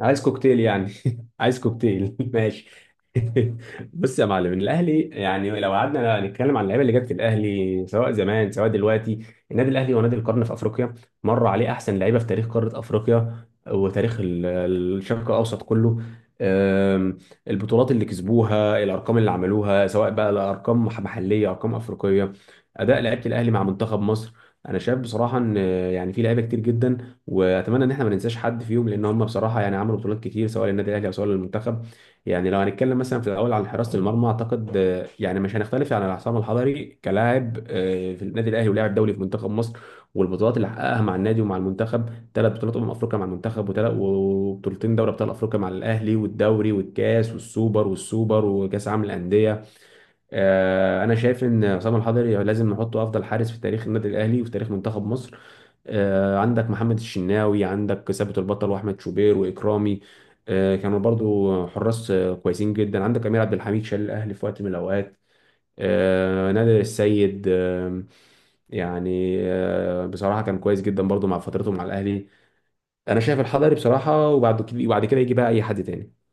عايز كوكتيل يعني عايز كوكتيل ماشي. بص يا معلم، الاهلي يعني لو قعدنا نتكلم عن اللعيبه اللي جت في الاهلي سواء زمان سواء دلوقتي، النادي الاهلي هو نادي القرن في افريقيا. مر عليه احسن لعيبه في تاريخ قاره افريقيا وتاريخ الشرق الاوسط كله. أم، البطولات اللي كسبوها، الارقام اللي عملوها سواء بقى لارقام محليه ارقام افريقيه، اداء لعيبه الاهلي مع منتخب مصر، انا شايف بصراحه ان يعني في لعيبه كتير جدا. واتمنى ان احنا ما ننساش حد فيهم، لان هم بصراحه يعني عملوا بطولات كتير سواء للنادي الاهلي او سواء للمنتخب. يعني لو هنتكلم مثلا في الاول عن حراسه المرمى، اعتقد يعني مش هنختلف عن عصام الحضري كلاعب في النادي الاهلي ولاعب دولي في منتخب مصر. والبطولات اللي حققها مع النادي ومع المنتخب، ثلاث بطولات افريقيا مع المنتخب، وبطولتين دوري ابطال افريقيا مع الاهلي، والدوري والكاس والسوبر والسوبر وكاس عالم الانديه. انا شايف ان عصام الحضري لازم نحطه افضل حارس في تاريخ النادي الاهلي وفي تاريخ منتخب مصر. عندك محمد الشناوي، عندك ثابت البطل، واحمد شوبير، واكرامي. كانوا برضو حراس كويسين جدا. عندك امير عبد الحميد شال الاهلي في وقت من الاوقات. نادر السيد، بصراحه كان كويس جدا برضو مع فترته مع الاهلي. انا شايف الحضري بصراحه، وبعد كده يجي بقى اي حد تاني.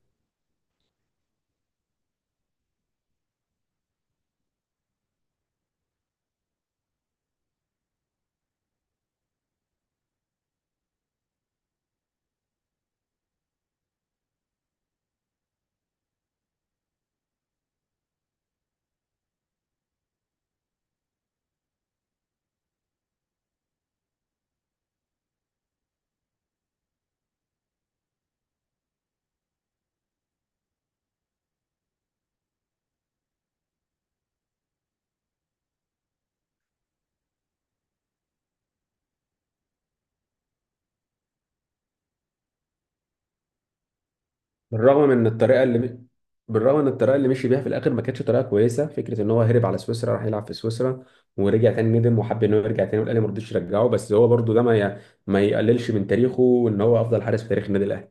بالرغم من الطريقه اللي بالرغم ان الطريقه اللي مشي بيها في الاخر ما كانتش طريقه كويسه، فكره ان هو هرب على سويسرا راح يلعب في سويسرا، ورجع تاني ندم وحب ان هو يرجع تاني، والاهلي ما رضيش يرجعه. بس هو برضو ده ما ي... ما يقللش من تاريخه، وان هو افضل حارس في تاريخ النادي الاهلي.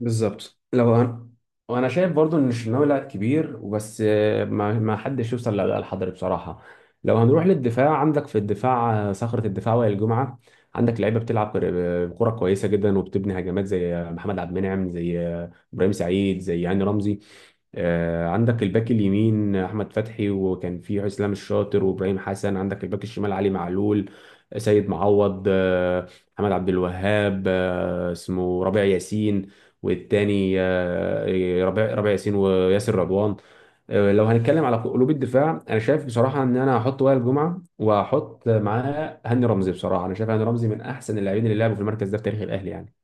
بالظبط. لو أنا وانا شايف برضو ان الشناوي لاعب كبير وبس، ما حدش يوصل للحضري بصراحه. لو هنروح للدفاع، عندك في الدفاع صخره الدفاع وائل جمعه. عندك لعيبه بتلعب بكره كويسه جدا وبتبني هجمات زي محمد عبد المنعم، زي ابراهيم سعيد، زي هاني رمزي. عندك الباك اليمين احمد فتحي، وكان في اسلام الشاطر وابراهيم حسن. عندك الباك الشمال علي معلول، سيد معوض، محمد عبد الوهاب، اسمه ربيع ياسين، والتاني ربيع ياسين وياسر رضوان. لو هنتكلم على قلوب الدفاع، انا شايف بصراحه ان انا هحط وائل جمعه وهحط معاه هاني رمزي. بصراحه انا شايف هاني رمزي من احسن اللاعبين اللي لعبوا في المركز ده في تاريخ الاهلي يعني.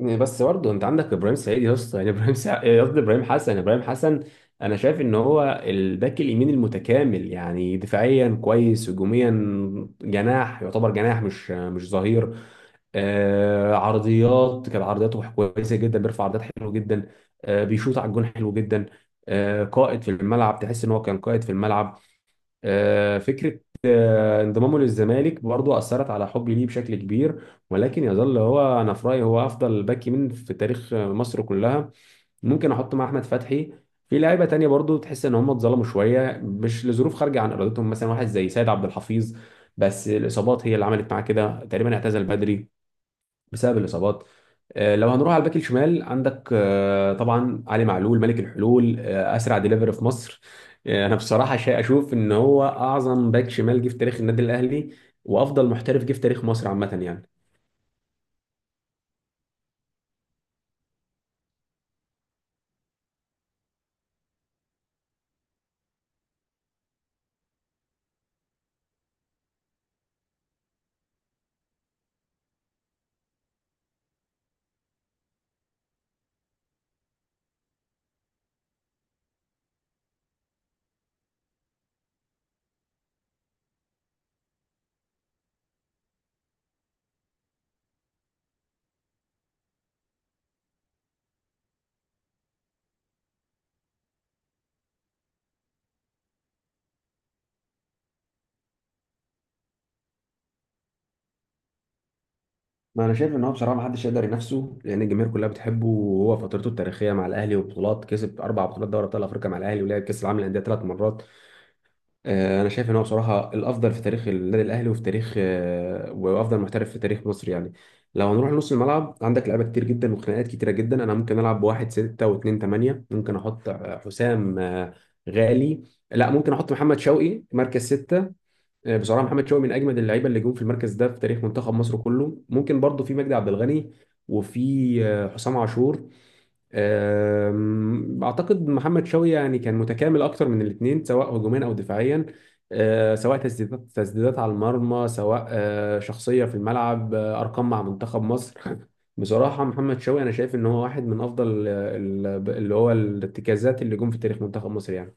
بس برضه انت عندك ابراهيم سعيد يا اسطى يعني ابراهيم سع... قصدي ابراهيم حسن. ابراهيم حسن. انا شايف ان هو الباك اليمين المتكامل، يعني دفاعيا كويس، هجوميا جناح، يعتبر جناح مش ظهير. آه، عرضيات، كان عرضياته كويسه جدا، بيرفع عرضيات حلو جدا. آه، بيشوط على الجون حلو جدا. آه، قائد في الملعب، تحس ان هو كان قائد في الملعب. آه، فكره آه، انضمامه للزمالك برضو اثرت على حبي ليه بشكل كبير، ولكن يظل هو. انا في رايي هو افضل باك يمين في تاريخ مصر كلها. ممكن احط مع احمد فتحي في لعيبه تانية برضو تحس ان هم اتظلموا شويه، مش لظروف خارجه عن ارادتهم، مثلا واحد زي سيد عبد الحفيظ، بس الاصابات هي اللي عملت معاه كده، تقريبا اعتزل بدري بسبب الاصابات. لو هنروح على الباك الشمال، عندك طبعا علي معلول، ملك الحلول، اسرع ديليفري في مصر. انا بصراحه شيء اشوف ان هو اعظم باك شمال جه في تاريخ النادي الاهلي، وافضل محترف جه في تاريخ مصر عامه يعني. ما انا شايف ان هو بصراحه ما حدش يقدر ينافسه، لان الجماهير كلها بتحبه. وهو فترته التاريخيه مع الاهلي، وبطولات كسب اربع بطولات دوري ابطال افريقيا مع الاهلي، ولعب كاس العالم للانديه ثلاث مرات. انا شايف ان هو بصراحه الافضل في تاريخ النادي الاهلي وفي تاريخ وافضل محترف في تاريخ مصر يعني. لو هنروح لنص الملعب، عندك لعيبه كتير جدا وخناقات كتيره جدا. انا ممكن العب بواحد ستة واتنين تمانية. ممكن احط آه، حسام آه، غالي. لا، ممكن احط محمد شوقي مركز ستة. بصراحه محمد شوقي من اجمد اللعيبه اللي جم في المركز ده في تاريخ منتخب مصر كله. ممكن برضو في مجدي عبد الغني، وفي حسام عاشور. اعتقد محمد شوقي يعني كان متكامل اكتر من الاثنين، سواء هجوميا او دفاعيا، سواء تسديدات على المرمى، سواء شخصيه في الملعب، ارقام مع منتخب مصر بصراحه محمد شوقي، انا شايف ان هو واحد من افضل اللي هو الارتكازات اللي جم في تاريخ منتخب مصر يعني.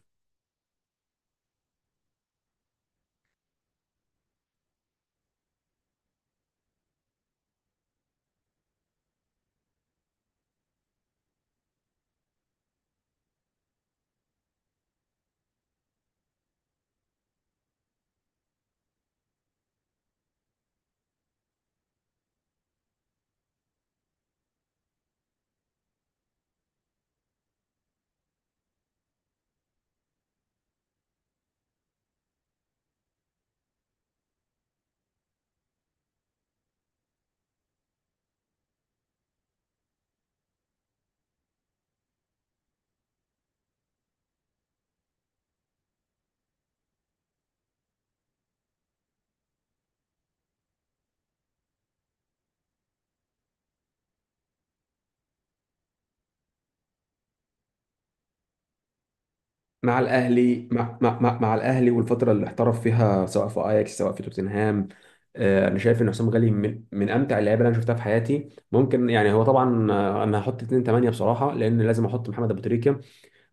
مع الاهلي مع مع مع, مع الاهلي والفتره اللي احترف فيها سواء في اياكس سواء في توتنهام. انا شايف ان حسام غالي من امتع اللعيبه اللي انا شفتها في حياتي. ممكن يعني هو طبعا انا هحط 2 8 بصراحه، لان لازم احط محمد ابو تريكه.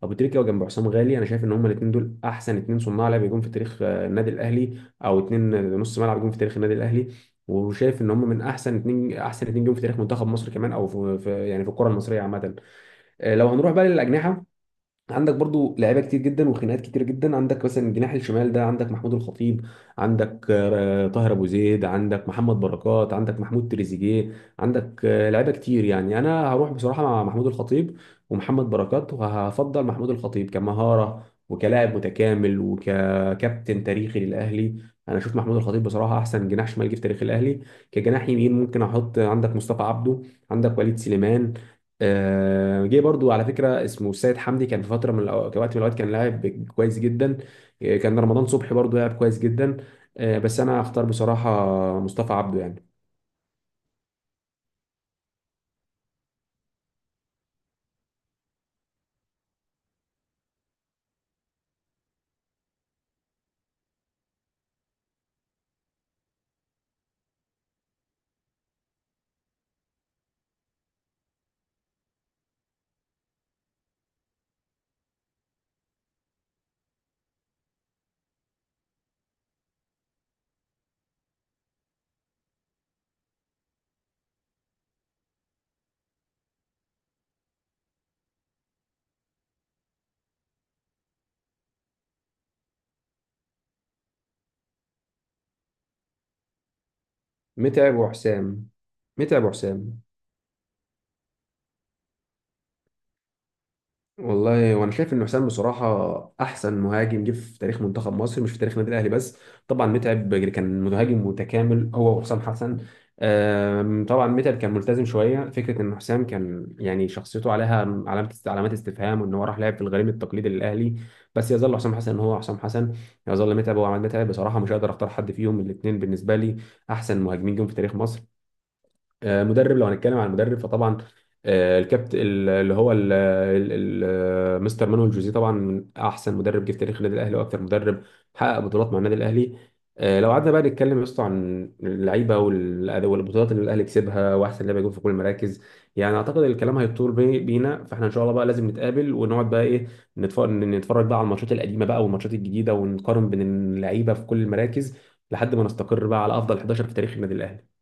ابو تريكه وجنب حسام غالي، انا شايف ان هما الاثنين دول احسن اثنين صناع لعب يكون في تاريخ النادي الاهلي، او اثنين نص ملعب يكون في تاريخ النادي الاهلي. وشايف ان هم من احسن اتنين، احسن اتنين جم في تاريخ منتخب مصر كمان، او في يعني في الكره المصريه عامه. لو هنروح بقى للاجنحه، عندك برضو لعيبه كتير جدا وخناقات كتير جدا. عندك مثلا الجناح الشمال ده، عندك محمود الخطيب، عندك طاهر ابو زيد، عندك محمد بركات، عندك محمود تريزيجيه، عندك لعيبه كتير يعني. انا هروح بصراحه مع محمود الخطيب ومحمد بركات، وهفضل محمود الخطيب كمهاره وكلاعب متكامل وككابتن تاريخي للاهلي. انا اشوف محمود الخطيب بصراحه احسن جناح شمال جه في تاريخ الاهلي. كجناح يمين ممكن احط، عندك مصطفى عبده، عندك وليد سليمان. جه برضو على فكره اسمه السيد حمدي، كان في فتره من وقت من الاوقات كان لاعب كويس جدا. كان رمضان صبحي برضو لاعب كويس جدا. بس انا هختار بصراحه مصطفى عبده يعني. متعب وحسام. متعب وحسام. والله وانا شايف ان حسام بصراحه احسن مهاجم جه في تاريخ منتخب مصر، مش في تاريخ النادي الاهلي بس. طبعا متعب يعني كان مهاجم متكامل هو وحسام حسن. طبعا متعب كان ملتزم شويه، فكره ان حسام كان يعني شخصيته عليها علامات استفهام، وان هو راح لعب في الغريم التقليدي للاهلي. بس يظل حسام حسن هو حسام حسن، يظل متعب هو عماد متعب. بصراحه مش هقدر اختار حد فيهم، الاثنين بالنسبه لي احسن مهاجمين جم في تاريخ مصر. مدرب. لو هنتكلم عن المدرب فطبعا آه، الكابت ال- اللي هو ال- ال- ال- مستر مانويل جوزيه طبعا من احسن مدرب جه في تاريخ النادي الاهلي، واكثر مدرب حقق بطولات مع النادي الاهلي. لو قعدنا بقى نتكلم يا اسطى عن اللعيبه والبطولات اللي الاهلي كسبها واحسن لعيبه جم في كل المراكز، يعني اعتقد الكلام هيطول بينا. فاحنا ان شاء الله بقى لازم نتقابل ونقعد بقى ايه، نتفرج بقى على الماتشات القديمه بقى والماتشات الجديده، ونقارن بين اللعيبه في كل المراكز لحد ما نستقر بقى على افضل 11 في تاريخ النادي الاهلي.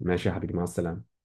ماشي يا حبيبي، مع السلامة.